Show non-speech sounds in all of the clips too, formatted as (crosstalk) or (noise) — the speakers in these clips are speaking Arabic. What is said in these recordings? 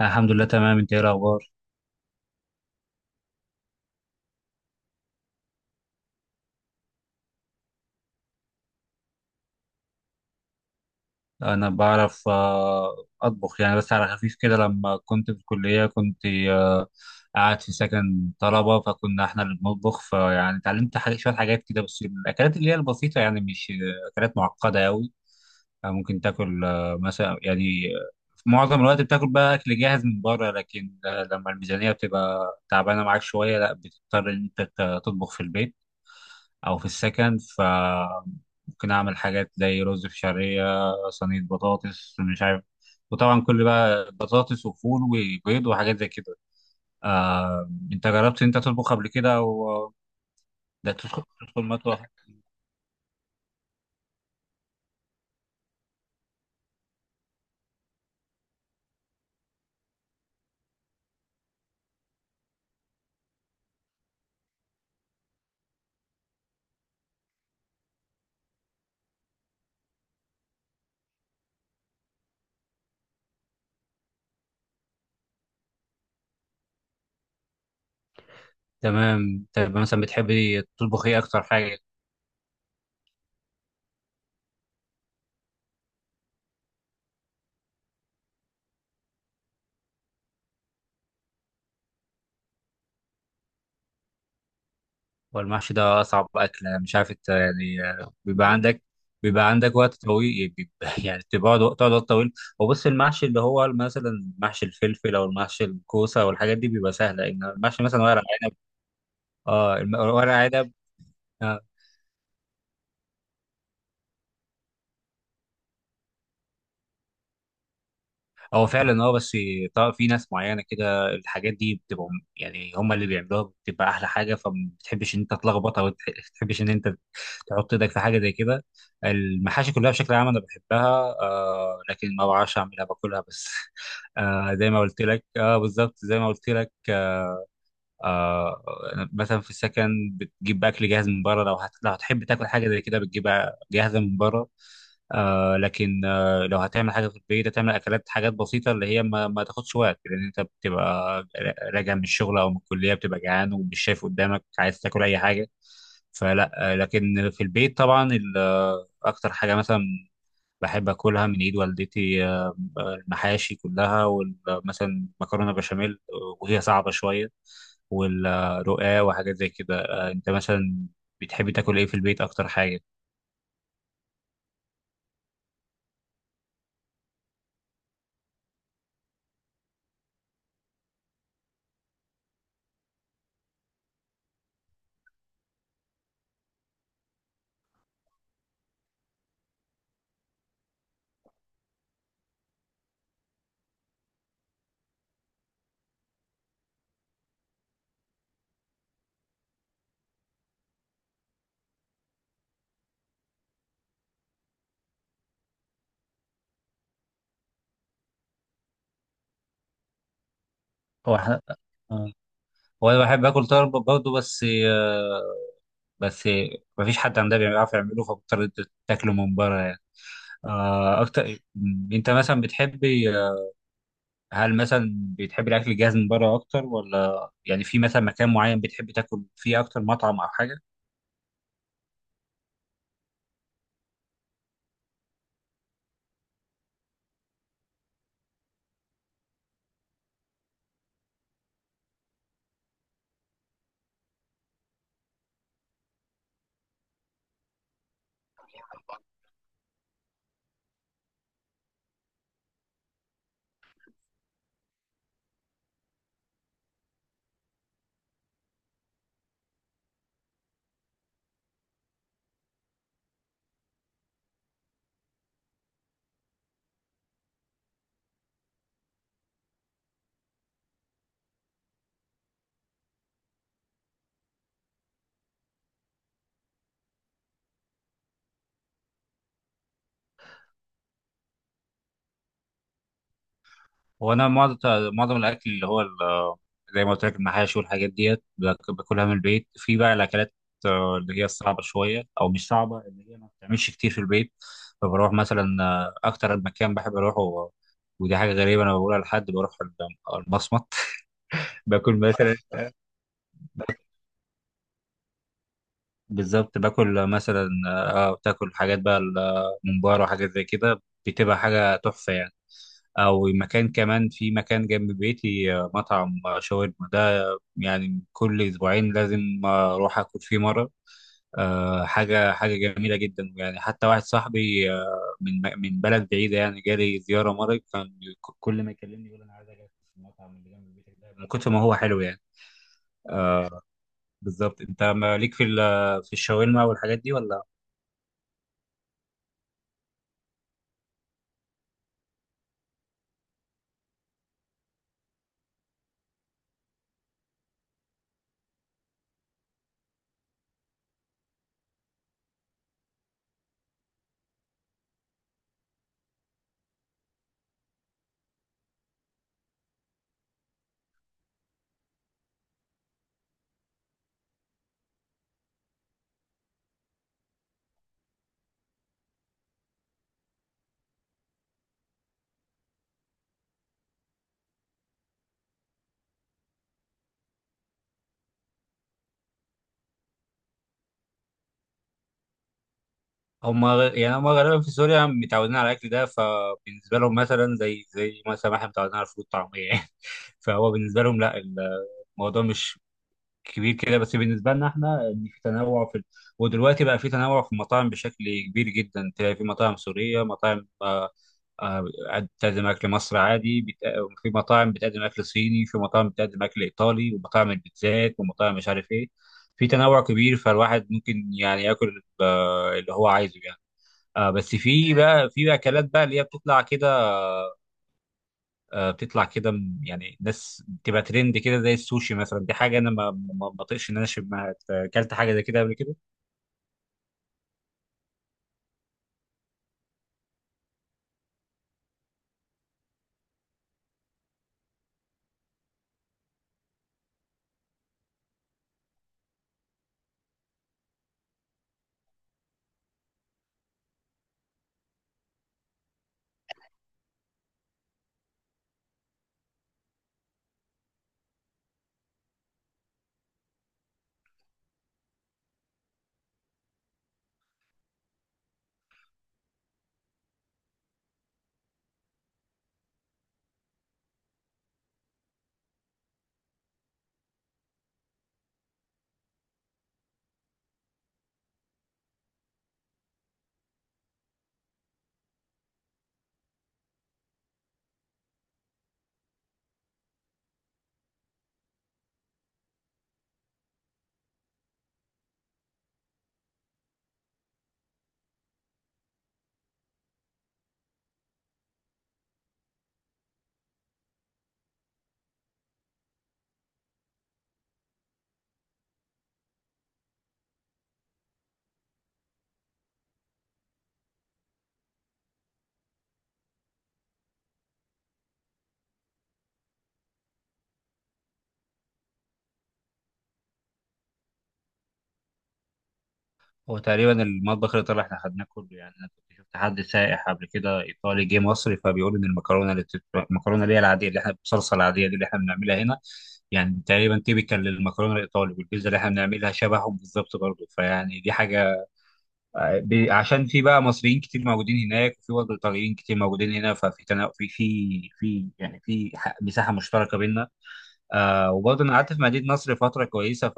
الحمد لله تمام، انت ايه الاخبار؟ انا بعرف اطبخ يعني بس على خفيف كده، لما كنت في الكليه كنت قاعد في سكن طلبه، فكنا احنا اللي بنطبخ، فيعني اتعلمت حاجات شويه حاجات كده، بس الاكلات اللي هي البسيطه، يعني مش اكلات معقده قوي. ممكن تاكل مثلا، يعني في معظم الوقت بتاكل بقى اكل جاهز من بره، لكن لما الميزانيه بتبقى تعبانه معاك شويه، لا بتضطر ان انت تطبخ في البيت او في السكن، ف ممكن اعمل حاجات زي رز بشعريه، صينيه بطاطس مش عارف، وطبعا كل بقى بطاطس وفول وبيض وحاجات زي كده. انت جربت انت تطبخ قبل كده او ده تدخل مطبخ؟ تمام، طيب مثلا بتحبي تطبخ ايه اكتر حاجه؟ والمحشي ده أصعب أكلة، مش عارف أنت يعني، بيبقى عندك وقت طويل، يعني بيبقى (laughs) يعني تقعد وقت طويل. وبص، المحشي اللي هو مثلا محشي الفلفل أو المحشي الكوسة والحاجات دي بيبقى سهلة، إن المحشي مثلا ورق عنب. اه، ورق عنب. آه، هو فعلا اه، بس طبعا في ناس معينه كده الحاجات دي بتبقى يعني هم اللي بيعملوها بتبقى احلى حاجه، فما بتحبش ان انت تلخبطها، وما بتحبش ان انت تحط ايدك في حاجه زي كده. المحاشي كلها بشكل عام انا بحبها، لكن ما بعرفش اعملها، باكلها بس. (laughs) زي ما قلت لك، اه بالظبط زي ما قلت لك. آه مثلا في السكن بتجيب اكل جاهز من بره، لو هتحب تاكل حاجه زي كده بتجيبها جاهزه من بره. لكن لو هتعمل حاجه في البيت هتعمل اكلات، حاجات بسيطه اللي هي ما تاخدش وقت، لان انت بتبقى راجع من الشغل او من الكليه، بتبقى جعان ومش شايف قدامك، عايز تاكل اي حاجه. فلا، لكن في البيت طبعا اكتر حاجه مثلا بحب اكلها من ايد والدتي، المحاشي كلها، ومثلا مكرونه بشاميل وهي صعبه شويه، والرقاق وحاجات زي كده. انت مثلا بتحب تاكل ايه في البيت اكتر حاجه؟ هو احنا آه، هو انا بحب اكل طرب برضه، بس مفيش حد عندنا بيعرف يعمله، فبضطر أنت تاكله من بره يعني. آه، اكتر م، انت مثلا بتحبي، هل مثلا بتحبي الاكل الجاهز من بره اكتر، ولا يعني في مثلا مكان معين بتحب تاكل فيه اكتر، مطعم او حاجه؟ هو انا معظم الاكل اللي هو زي ما قلت لك المحاشي والحاجات ديت باكلها من البيت، في بقى الاكلات اللي هي الصعبه شويه، او مش صعبه، اللي هي ما بتعملش كتير في البيت، فبروح مثلا اكتر مكان بحب اروحه، ودي حاجه غريبه انا بقولها، لحد بروح المصمت (laughs) باكل مثلا، بالظبط باكل مثلا اه بتاكل حاجات بقى الممبار وحاجات زي كده، بتبقى حاجه تحفه يعني. او مكان كمان، في مكان جنب بيتي مطعم شاورما، يعني كل اسبوعين لازم اروح اكل فيه مره. حاجه جميله جدا، يعني حتى واحد صاحبي من بلد بعيده، يعني جالي زياره مره، كان كل ما يكلمني يقول انا عايز اجي في المطعم اللي جنب بيتك ده، من كتر ما هو حلو يعني. آه، بالظبط. انت مالك في في الشاورما والحاجات دي ولا؟ يعني هم غالبا في سوريا متعودين على الاكل ده، فبالنسبه لهم مثلا زي مثلا ما احنا متعودين على الفول الطعميه يعني (laughs) فهو بالنسبه لهم لا، الموضوع مش كبير كده، بس بالنسبه لنا احنا ان في تنوع في، ودلوقتي بقى في تنوع في المطاعم بشكل كبير جدا، تلاقي في مطاعم سوريه، مطاعم آه، بتقدم اكل مصري عادي، في مطاعم بتقدم اكل صيني، في مطاعم بتقدم اكل ايطالي، ومطاعم البيتزات ومطاعم مش عارف ايه. في تنوع كبير، فالواحد ممكن يعني ياكل اللي هو عايزه يعني. بس في بقى في اكلات بقى اللي هي بتطلع كده، بتطلع كده يعني ناس بتبقى ترند كده، زي السوشي مثلا، دي حاجه انا ما بطيقش ان انا اشم اكلت حاجه زي كده قبل كده. هو تقريبا المطبخ الايطالي احنا خدناه كله يعني، انا كنت شفت حد سائح قبل كده ايطالي جه مصر، فبيقول ان المكرونه اللي هي العاديه، اللي احنا بالصلصه العاديه دي اللي احنا بنعملها هنا، يعني تقريبا تيبيكال للمكرونه الايطالي، والبيتزا اللي احنا بنعملها شبههم بالظبط برضه، فيعني دي حاجه عشان في بقى مصريين كتير موجودين هناك، وفي برضه ايطاليين كتير موجودين هنا، في يعني مساحه مشتركه بينا. وبرضه انا قعدت في مدينه نصر فتره كويسه،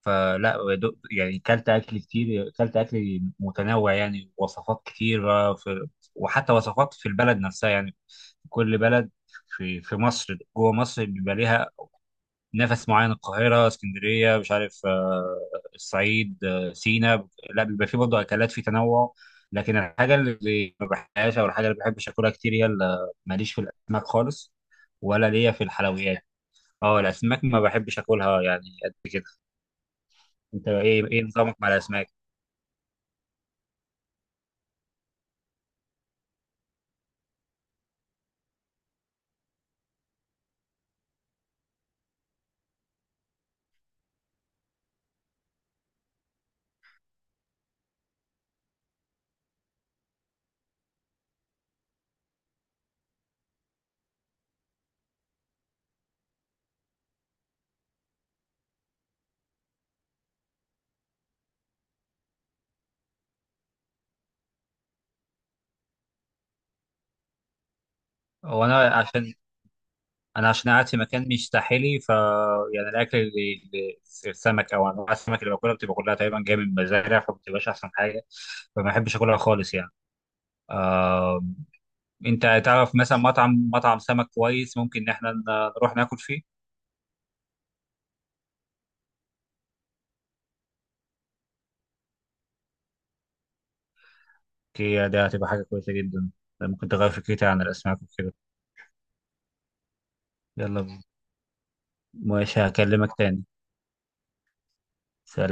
فلا، يعني كلت اكل كتير، كلت اكل متنوع يعني، وصفات كتيره وحتى وصفات في البلد نفسها يعني. كل بلد في مصر، جوه مصر بيبقى ليها نفس معين، القاهرة، اسكندرية، مش عارف، الصعيد، سينا، لا بيبقى فيه برضه أكلات، في تنوع. لكن الحاجة اللي ما بحبهاش، أو الحاجة اللي ما بحبش أكلها كتير، هي ماليش في الأسماك خالص، ولا ليا في الحلويات. اه، الأسماك ما بحبش أكلها يعني، قد كده. أنت إيه نظامك مع الأسماك؟ هو أنا عشان أنا عشان قاعد في مكان مش ساحلي، ف يعني الأكل السمك أو أنواع السمك اللي باكلها بتبقى كلها تقريبا جاية من مزارع، فما بتبقاش أحسن حاجة، فما بحبش أكلها خالص يعني. آه، انت تعرف مثلا مطعم سمك كويس ممكن ان احنا نروح ناكل فيه؟ دي ده هتبقى حاجه كويسه جدا، ده ممكن تغير فكرتي عن الاسماك وكده. يلا بينا. ماشي، هكلمك تاني. سلام.